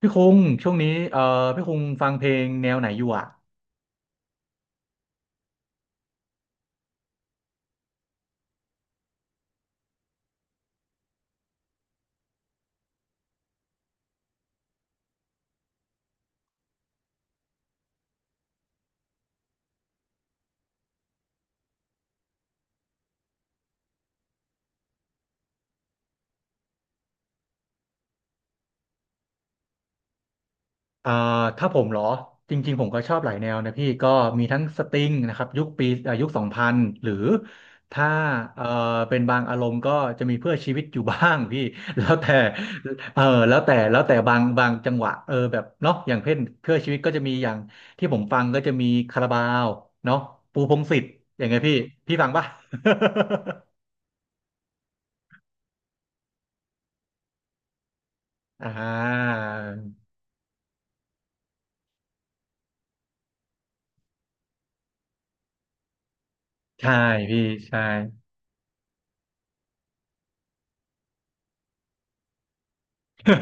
พี่คุงช่วงนี้พี่คุงฟังเพลงแนวไหนอยู่อ่ะเอ่อถ้าผมเหรอจริงๆผมก็ชอบหลายแนวนะพี่ก็มีทั้งสตริงนะครับยุคปียุค2000หรือถ้าเอ่อเป็นบางอารมณ์ก็จะมีเพื่อชีวิตอยู่บ้างพี่ แล้วแต่เออแล้วแต่แล้วแต่บางบางจังหวะเออแบบเนาะอย่างเช่นเพื่อชีวิตก็จะมีอย่างที่ผมฟังก็จะมีคาราบาวเนาะปูพงษ์สิทธิ์อย่างไงพี่พี่ฟังปะ อ่าใช่พี่ใช่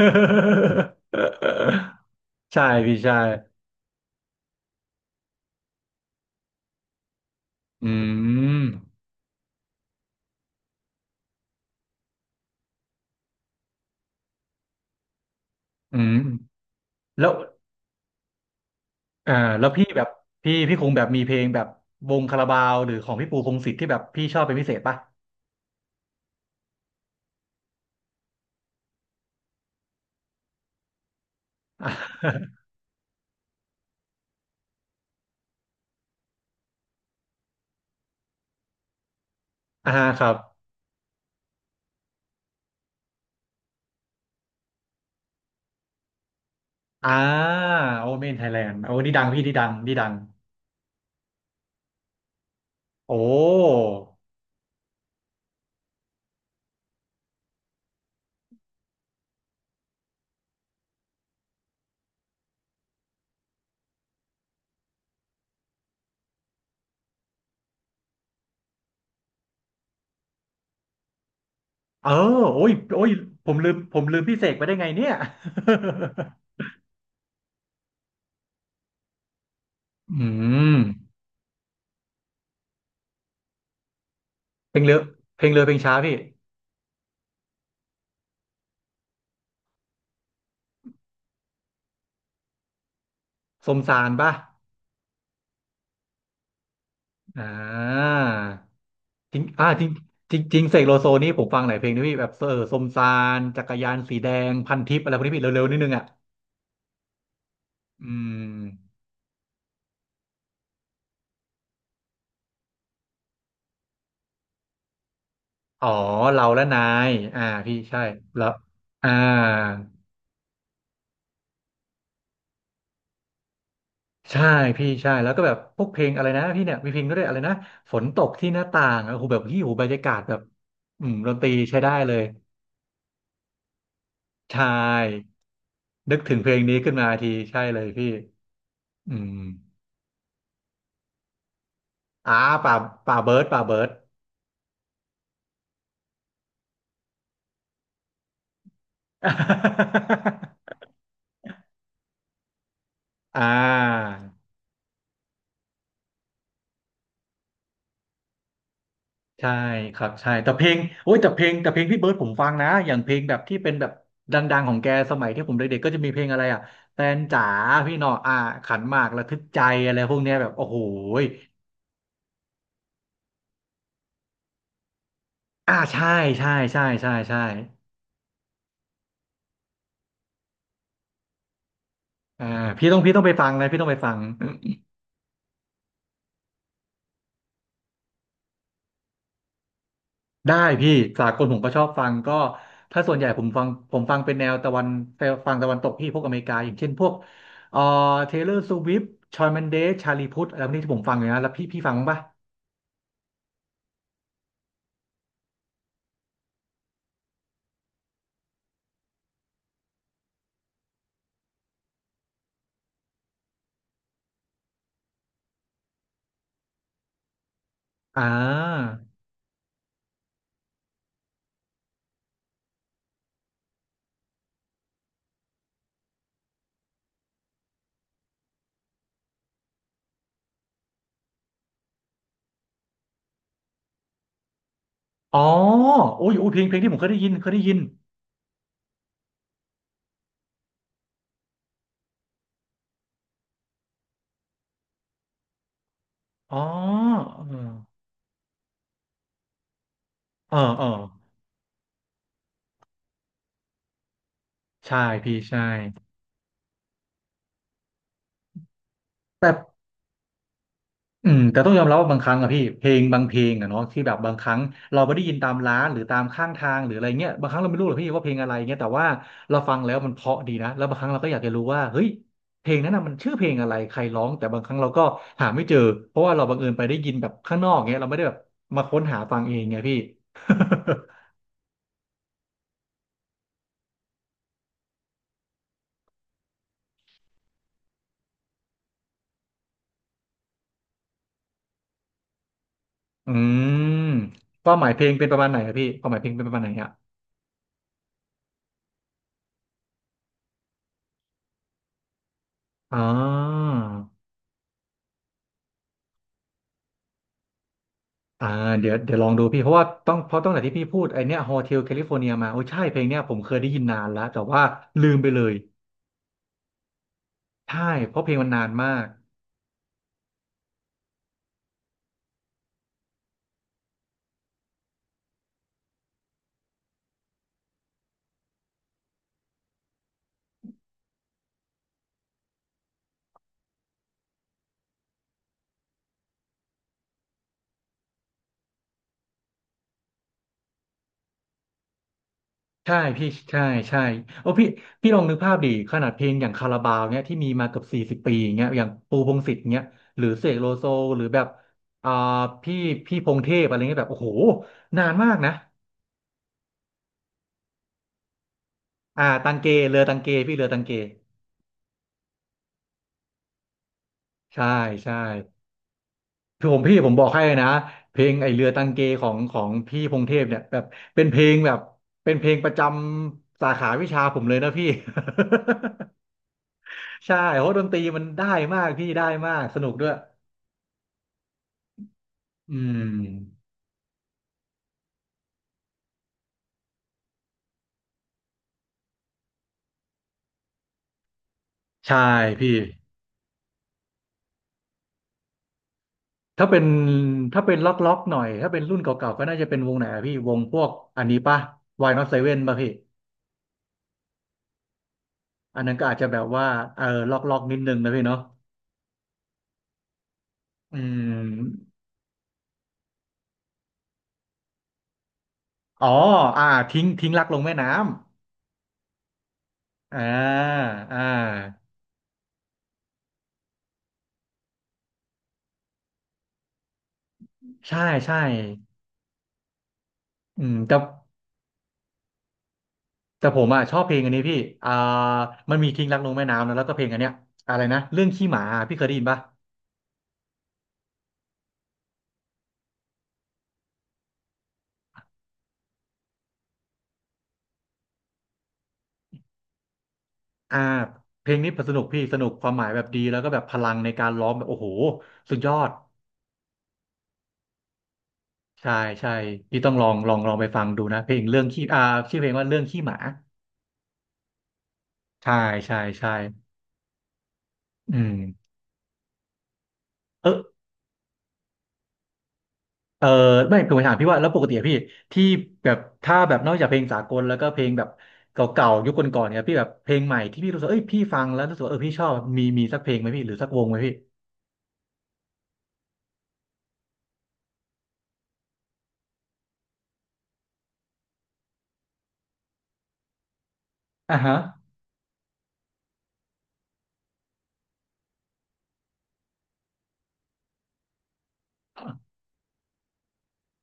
ใช่พี่ใช่อืมอืมแล้วอ่าแล้วพี่แบบพี่พี่คงแบบมีเพลงแบบวงคาราบาวหรือของพี่ปูพงษ์สิทธิ์ที่แบบพี่ชอบเป็นพิเศษป่ะอ่า อ่าครับอ่าโอเมนไทยแลนด์โอ้นี่ดังพี่นี่ดังนี่ดัง โอ้เออโอ้ยโอ้ยผมลืมผมลืมพี่เสกไปได้ไงเนี่ย อืม เพลงเรือเพลงเรือเพลงช้าพี่สมสารป่ะอ่า จริงอ่าจริงจริงจริงเสกโลโซนี่ผมฟังหลายเพลงนะพี่แบบเออสมซานจักรยานสีแดงพันทิปอะไรพวกนี้พี่เร็วๆนิดนึงอ่ะอืมอ๋อเราและนายอ่าพี่ใช่แล้วอ่าใช่พี่ใช่แล้วก็แบบพวกเพลงอะไรนะพี่เนี่ยมีเพลงก็ได้วยอะไรนะฝนตกที่หน้าต่างโอ้โหแบบพี่โอ้โหบรรยากาศแบบอืมดนตรีใช้ได้เลยใช่นึกถึงเพลงนี้ขึ้นมาทีใช่เลยพี่อืมอ่าป่าป่าเบิร์ดป่าเบิร์ด อ่าใช่ครับใช่แต่เพลงโอ้ยแต่เพลงแต่เพลงพี่เบิร์ดผมฟังนะอย่างเพลงแบบที่เป็นแบบดังๆของแกสมัยที่ผมเด็กๆก็จะมีเพลงอะไรอ่ะแฟนจ๋าพี่หนออ่าขันหมากระทึกใจอะไรพวกเนี้ยแบบโอ้โหอ่าใช่ใช่ใช่ใช่ใช่อ่าพี่ต้องพี่ต้องไปฟังนะพี่ต้องไปฟัง ได้พี่สากลผมก็ชอบฟังก็ถ้าส่วนใหญ่ผมฟังผมฟังเป็นแนวตะวันฟังตะวันตกพี่พวกอเมริกาอย่างเช่นพวกเอ่อเทเลอร์สวิฟต์ชอยแมนเดสชาลีพุทอะไรพวกนี้ที่ผมฟังอยู่นะแล้วพี่พี่ฟังบ้างปะอ่าอ๋อโอ้ยโอ้ยเพลงเพลงที่ผมเคยได้ยินเคยได้ยินอ๋อเออเออเออใช่พี่ใช่แต่ อืมแต่ต้องยอมรับว่าบางครั้งอะพี่เพลงบางเพลงอะเนาะที่แบบบางครั้งเราไม่ได้ยินตามร้านหรือตามข้างทางหรืออะไรเงี้ยบางครั้งเราไม่รู้หรอกพี่ว่าเพลงอะไรเงี้ยแต่ว่าเราฟังแล้วมันเพราะดีนะแล้วบางครั้งเราก็อยากจะรู้ว่าเฮ้ยเพลงนั้นน่ะมันชื่อเพลงอะไรใครร้องแต่บางครั้งเราก็หาไม่เจอเพราะว่าเราบังเอิญไปได้ยินแบบข้างนอกเงี้ยเราไม่ได้แบบมาค้นหาฟังเองไงพี่ อืมความหมายเพลงเป็นประมาณไหนอะพี่ความหมายเพลงเป็นประมาณไหนอะอ่า อ่าเดี๋ยวเดี๋ยวลองดูพี่เพราะว่าต้องเพราะตั้งแต่ที่พี่พูดไอเนี้ยโฮเทลแคลิฟอร์เนียมาโอ้ใช่เพลงเนี้ยผมเคยได้ยินนานแล้วแต่ว่าลืมไปเลยใช่เพราะเพลงมันนานมากใช่พี่ใช่ใช่โอ้พี่พี่ลองนึกภาพดิขนาดเพลงอย่างคาราบาวเนี้ยที่มีมาเกือบ40 ปีอย่างเงี้ยอย่างปูพงษ์สิทธิ์เงี้ยหรือเสกโลโซหรือแบบอ่าพี่พี่พงษ์เทพอะไรเงี้ยแบบโอ้โหนานมากนะอ่าตังเกเรือตังเกพี่เรือตังเกใช่ใช่ คือผมพี่ผมบอกให้นะเพลงไอเรือตังเกของของพี่พงเทพเนี่ยแบบเป็นเพลงแบบเป็นเพลงประจำสาขาวิชาผมเลยนะพี่ ใช่เพราะดนตรีมันได้มากพี่ได้มากสนุกด้วยอืมใช่พี่ถ้าเป็นถ้าเป็นล็อกล็อกหน่อยถ้าเป็นรุ่นเก่าๆก็น่าจะเป็นวงไหนอะพี่วงพวกอันนี้ป่ะ Why Not Seven ป่ะพี่อันนั้นก็อาจจะแบบว่าเออล็อกล็อกนิดนึงนะพี่เนาะอืมอ๋ออ่าทิ้งทิ้งรักลงแม่น้ำ อ่าอ่าใช่ใช่อืมแต่แต่ผมอ่ะชอบเพลงอันนี้พี่อ่ามันมีทิ้งรักลงแม่น้ำนะแล้วก็เพลงอันเนี้ยอะไรนะเรื่องขี้หมาพี่เคยได้ยินปะอ่าเพลงนี้สนุกพี่สนุกความหมายแบบดีแล้วก็แบบพลังในการร้องแบบโอ้โหสุดยอดใช่ใช่พี่ต้องลองลองลองไปฟังดูนะเพลงเรื่องขี้อ่าชื่อเพลงว่าเรื่องขี้หมาใช่ใช่ใช่อืมเออ เออไม่คือผมถามพี่ว่าแล้วปกติอะพี่ที่แบบถ้าแบบนอกจากเพลงสากลแล้วก็เพลงแบบเก่าๆยุคก่อนๆเนี่ยพี่แบบเพลงใหม่ที่พี่รู้สึกเอ้ยพี่ฟังแล้วรู้สึกว่าเออพี่ชอบมีมีสักเพลงไหมพี่หรือสักวงไหมพี่อ่าฮะ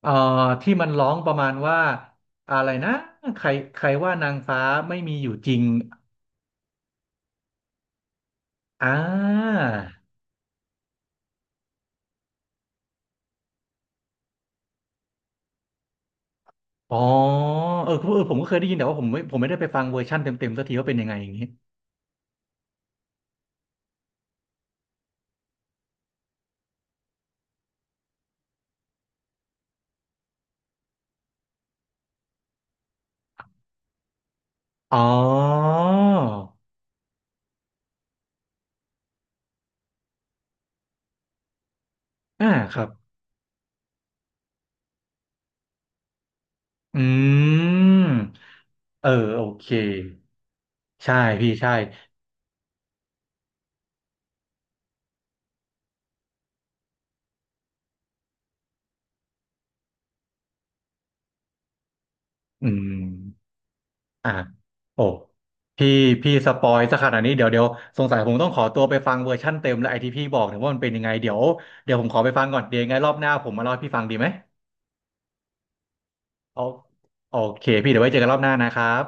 เอ่อที่มันร้องประมาณว่าอะไรนะใครใครว่านางฟ้าไม่มีอยู่จริงอ่าอ๋อเออเออผมก็เคยได้ยินแต่ว่าผมไม่ผมไม่ได้ไปฟังเวอร์ชันเต็มๆสักทีว่าเป็นยังไงอย่างนี้อ๋ออ่าครับอืม เออโอเคใช่พี่ใช่อืมอ่ะโอ้พี่พี่สปอยซะขนาดนี้เดี๋ยวเดี๋ยวสงสัยผมต้องขอตัวไปฟังเวอร์ชั่นเต็มและไอที่พี่บอกเนี่ยว่ามันเป็นยังไงเดี๋ยวเดี๋ยวผมขอไปฟังก่อนเดี๋ยวยังไงรอบหน้าผมมาเล่าให้พี่ฟังดีไหมโอโอเคพี่เดี๋ยวไว้เจอกันรอบหน้านะครับ